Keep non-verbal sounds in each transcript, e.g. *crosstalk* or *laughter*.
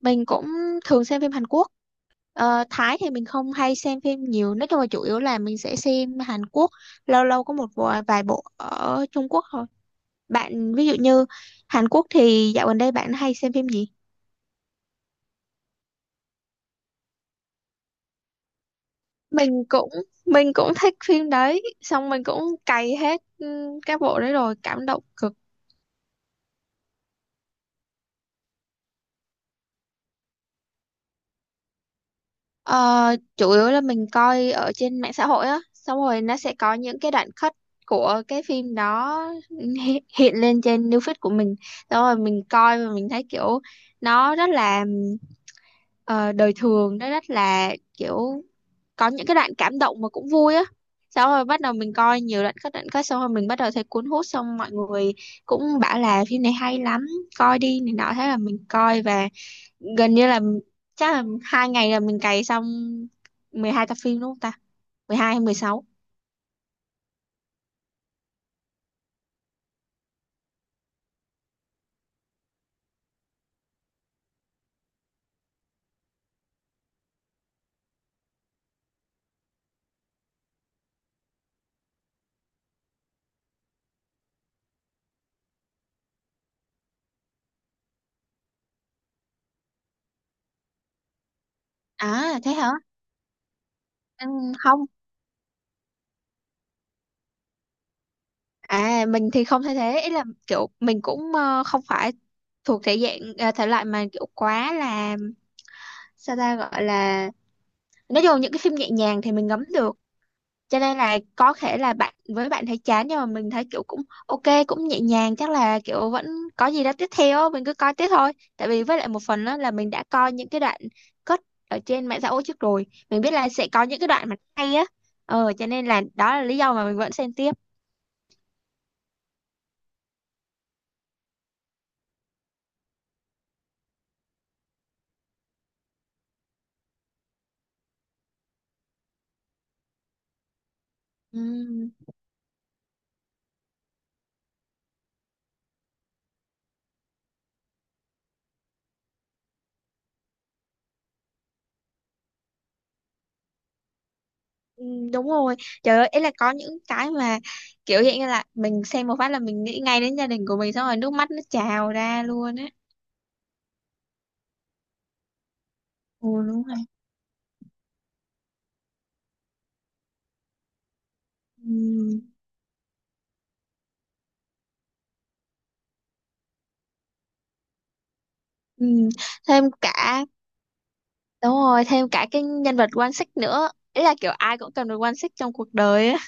Mình cũng thường xem phim Hàn Quốc. Thái thì mình không hay xem phim nhiều, nói chung là chủ yếu là mình sẽ xem Hàn Quốc, lâu lâu có một vài bộ ở Trung Quốc thôi. Bạn ví dụ như Hàn Quốc thì dạo gần đây bạn hay xem phim gì? Mình cũng mình cũng thích phim đấy, xong mình cũng cày hết các bộ đấy rồi, cảm động cực. Ờ, Chủ yếu là mình coi ở trên mạng xã hội á, xong rồi nó sẽ có những cái đoạn cut của cái phim đó. *laughs* Hiện lên trên new feed của mình, xong rồi mình coi và mình thấy kiểu nó rất là ờ, đời thường, nó rất là kiểu có những cái đoạn cảm động mà cũng vui á. Xong rồi bắt đầu mình coi nhiều đoạn cut xong rồi mình bắt đầu thấy cuốn hút, xong mọi người cũng bảo là phim này hay lắm, coi đi này nọ, thế là mình coi và gần như là chắc là 2 ngày là mình cày xong 12 tập phim. Đúng không ta, 12 hay 16? À, thế hả. Ừ, không. À, mình thì không thể thế, ý là kiểu mình cũng không phải thuộc thể dạng thể loại mà kiểu quá là, sao ta gọi là, nói chung là những cái phim nhẹ nhàng thì mình ngấm được, cho nên là có thể là bạn với bạn thấy chán nhưng mà mình thấy kiểu cũng ok, cũng nhẹ nhàng, chắc là kiểu vẫn có gì đó tiếp theo á, mình cứ coi tiếp thôi tại vì với lại một phần đó là mình đã coi những cái đoạn cut ở trên mạng xã hội trước rồi, mình biết là sẽ có những cái đoạn mà hay á, cho nên là đó là lý do mà mình vẫn xem tiếp. Ừm, đúng rồi. Trời ơi, ấy là có những cái mà kiểu hiện như là mình xem một phát là mình nghĩ ngay đến gia đình của mình, xong rồi nước mắt nó trào ra luôn á. Ừ, đúng rồi. Ừm, ừm. Thêm cả Đúng rồi, thêm cả cái nhân vật Quan Xích nữa. Ý là kiểu ai cũng cần được Quan Xích trong cuộc đời á.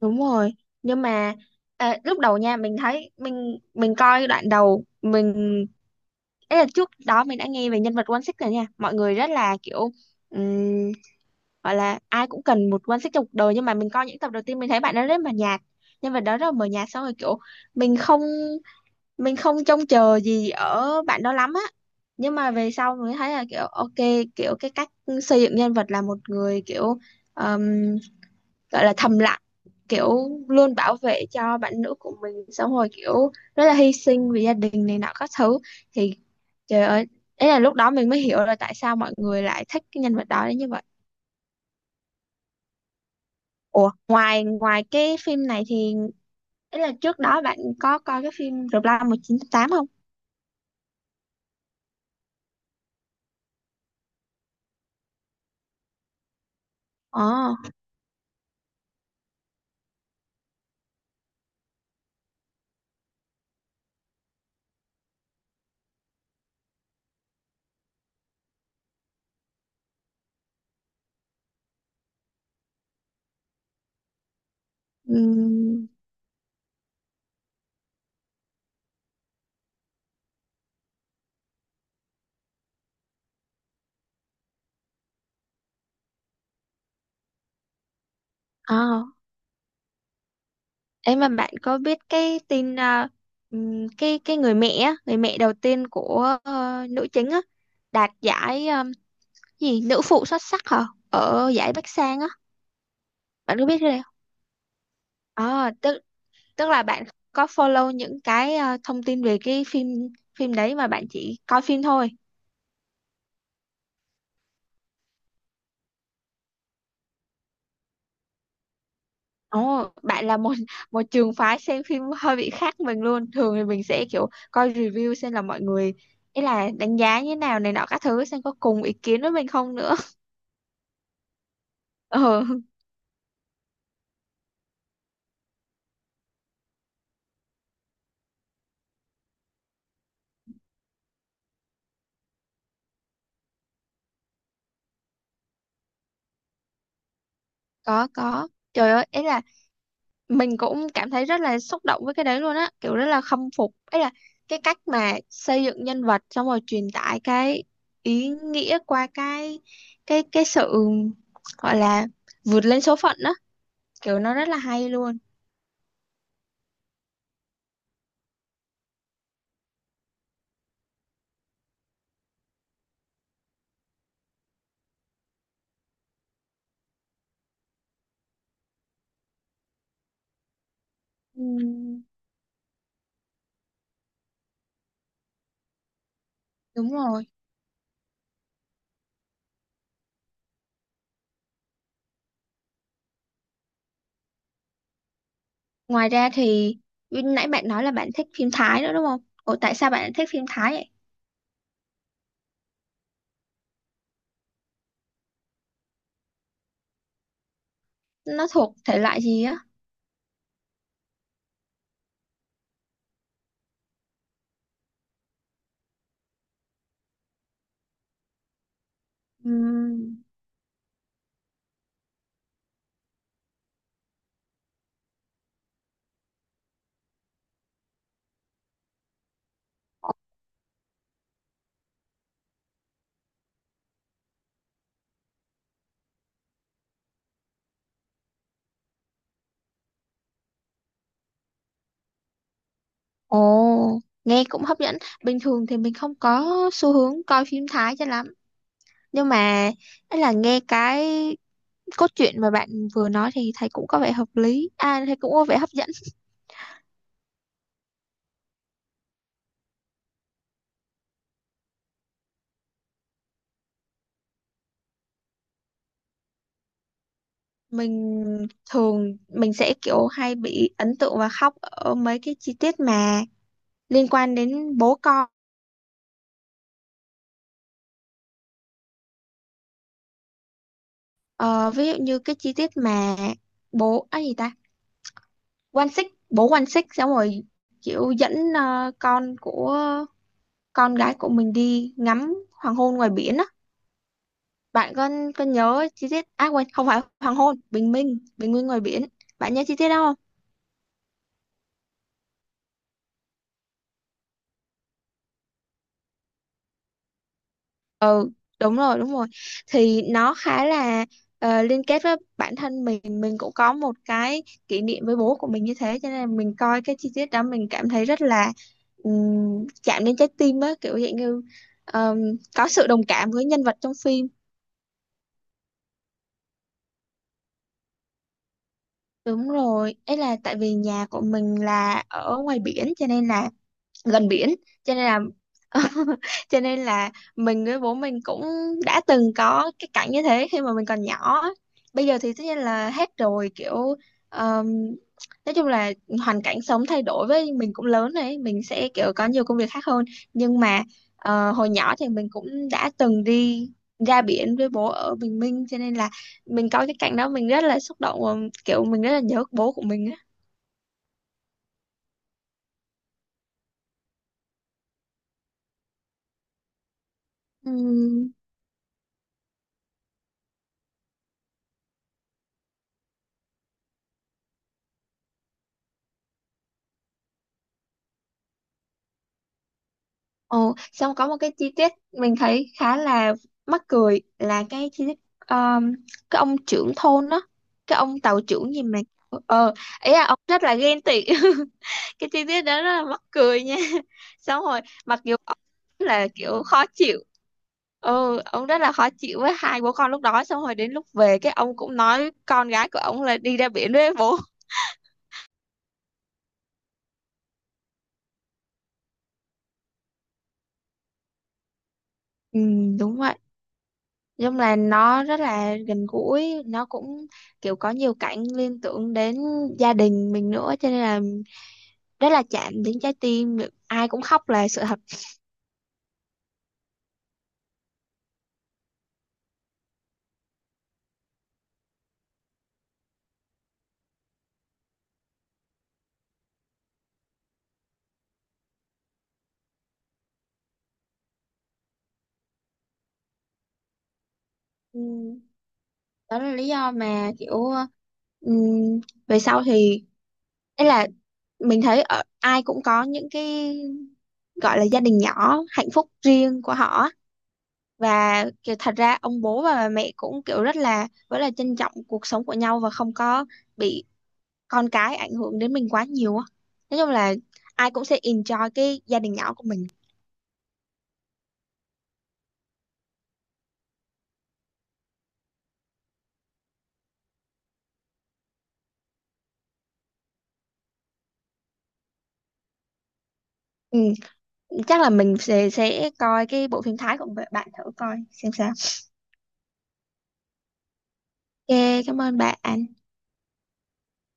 Đúng rồi, nhưng mà lúc đầu nha mình thấy mình coi đoạn đầu mình, ấy là trước đó mình đã nghe về nhân vật One Six này nha. Mọi người rất là kiểu ừm, gọi là ai cũng cần một One Six trong cuộc đời, nhưng mà mình coi những tập đầu tiên mình thấy bạn đó rất mờ nhạt. Nhân vật đó rất là mờ nhạt, xong rồi kiểu mình không mình không trông chờ gì ở bạn đó lắm á, nhưng mà về sau mới thấy là kiểu ok, kiểu cái cách xây dựng nhân vật là một người kiểu um, gọi là thầm lặng, kiểu luôn bảo vệ cho bạn nữ của mình, xong rồi kiểu rất là hy sinh vì gia đình này nọ các thứ, thì trời ơi, ấy là lúc đó mình mới hiểu là tại sao mọi người lại thích cái nhân vật đó đến như vậy. Ủa, ngoài ngoài cái phim này thì, ấy là trước đó bạn có coi cái phim The Blind 1980? ờ ừm, Ờ, Ấy mà bạn có biết cái tin cái người mẹ á, người mẹ đầu tiên của nữ chính á, đạt giải gì nữ phụ xuất sắc hả, ở giải Bắc Sang á, bạn có biết cái này không? Ờ, tức tức là bạn có follow những cái thông tin về cái phim phim đấy mà bạn chỉ coi phim thôi. Ồ, bạn là một *laughs* một trường phái xem phim hơi bị khác mình luôn. Thường thì mình sẽ kiểu coi review xem là mọi người, ý là đánh giá như thế nào này nọ các thứ, xem có cùng ý kiến với mình không nữa. Ờ, có có. Trời ơi, ấy là mình cũng cảm thấy rất là xúc động với cái đấy luôn á, kiểu rất là khâm phục. Ấy là cái cách mà xây dựng nhân vật xong rồi truyền tải cái ý nghĩa qua cái cái sự, gọi là, vượt lên số phận đó, kiểu nó rất là hay luôn. Ừ, đúng rồi. Ngoài ra thì nãy bạn nói là bạn thích phim Thái nữa đúng không? Ủa tại sao bạn lại thích phim Thái vậy? Nó thuộc thể loại gì á? Ừ. Ồ, nghe cũng hấp dẫn. Bình thường thì mình không có xu hướng coi phim Thái cho lắm. Nhưng mà, ấy là nghe cái cốt truyện mà bạn vừa nói thì thấy cũng có vẻ hợp lý. À, thấy cũng có vẻ hấp dẫn. *laughs* Mình Thường mình sẽ kiểu hay bị ấn tượng và khóc ở mấy cái chi tiết mà liên quan đến bố con. Ờ, Ví dụ như cái chi tiết mà bố, á gì ta? Quan Xích, bố Quan Xích xong rồi kiểu dẫn con gái của mình đi ngắm hoàng hôn ngoài biển á, bạn có nhớ chi tiết, à quên, không phải hoàng hôn, bình minh, bình minh ngoài biển, bạn nhớ chi tiết đó không? Ừ, đúng rồi, đúng rồi, thì nó khá là liên kết với bản thân mình cũng có một cái kỷ niệm với bố của mình như thế, cho nên là mình coi cái chi tiết đó mình cảm thấy rất là chạm đến trái tim á, kiểu dạng như ờm, có sự đồng cảm với nhân vật trong phim. Đúng rồi, ấy là tại vì nhà của mình là ở ngoài biển cho nên là gần biển, cho nên là *laughs* cho nên là mình với bố mình cũng đã từng có cái cảnh như thế khi mà mình còn nhỏ á. Bây giờ thì tất nhiên là hết rồi, kiểu um, nói chung là hoàn cảnh sống thay đổi, với mình cũng lớn đấy, mình sẽ kiểu có nhiều công việc khác hơn, nhưng mà hồi nhỏ thì mình cũng đã từng đi ra biển với bố ở Bình Minh, cho nên là mình có cái cảnh đó mình rất là xúc động và kiểu mình rất là nhớ bố của mình á. Ừ. Ồ, xong có một cái chi tiết mình thấy khá là mắc cười là cái chi tiết, um, cái ông trưởng thôn đó, cái ông tàu trưởng gì mà, ờ ý là ông rất là ghen tị. *laughs* Cái chi tiết đó rất là mắc cười nha. *laughs* Xong rồi mặc dù ông là kiểu khó chịu. Ừ, ông rất là khó chịu với hai bố con lúc đó, xong rồi đến lúc về cái ông cũng nói con gái của ông là đi ra biển với bố. Ừ, đúng vậy. Nói chung là nó rất là gần gũi, nó cũng kiểu có nhiều cảnh liên tưởng đến gia đình mình nữa, cho nên là rất là chạm đến trái tim, ai cũng khóc là sự thật. Ừ, đó là lý do mà kiểu, ừm, về sau thì, ấy là mình thấy ở ai cũng có những cái gọi là gia đình nhỏ hạnh phúc riêng của họ, và kiểu thật ra ông bố và bà mẹ cũng kiểu rất là trân trọng cuộc sống của nhau và không có bị con cái ảnh hưởng đến mình quá nhiều á, nói chung là ai cũng sẽ enjoy cái gia đình nhỏ của mình. Ừ, chắc là mình sẽ coi cái bộ phim Thái của bạn thử coi xem sao. Ok, cảm ơn bạn.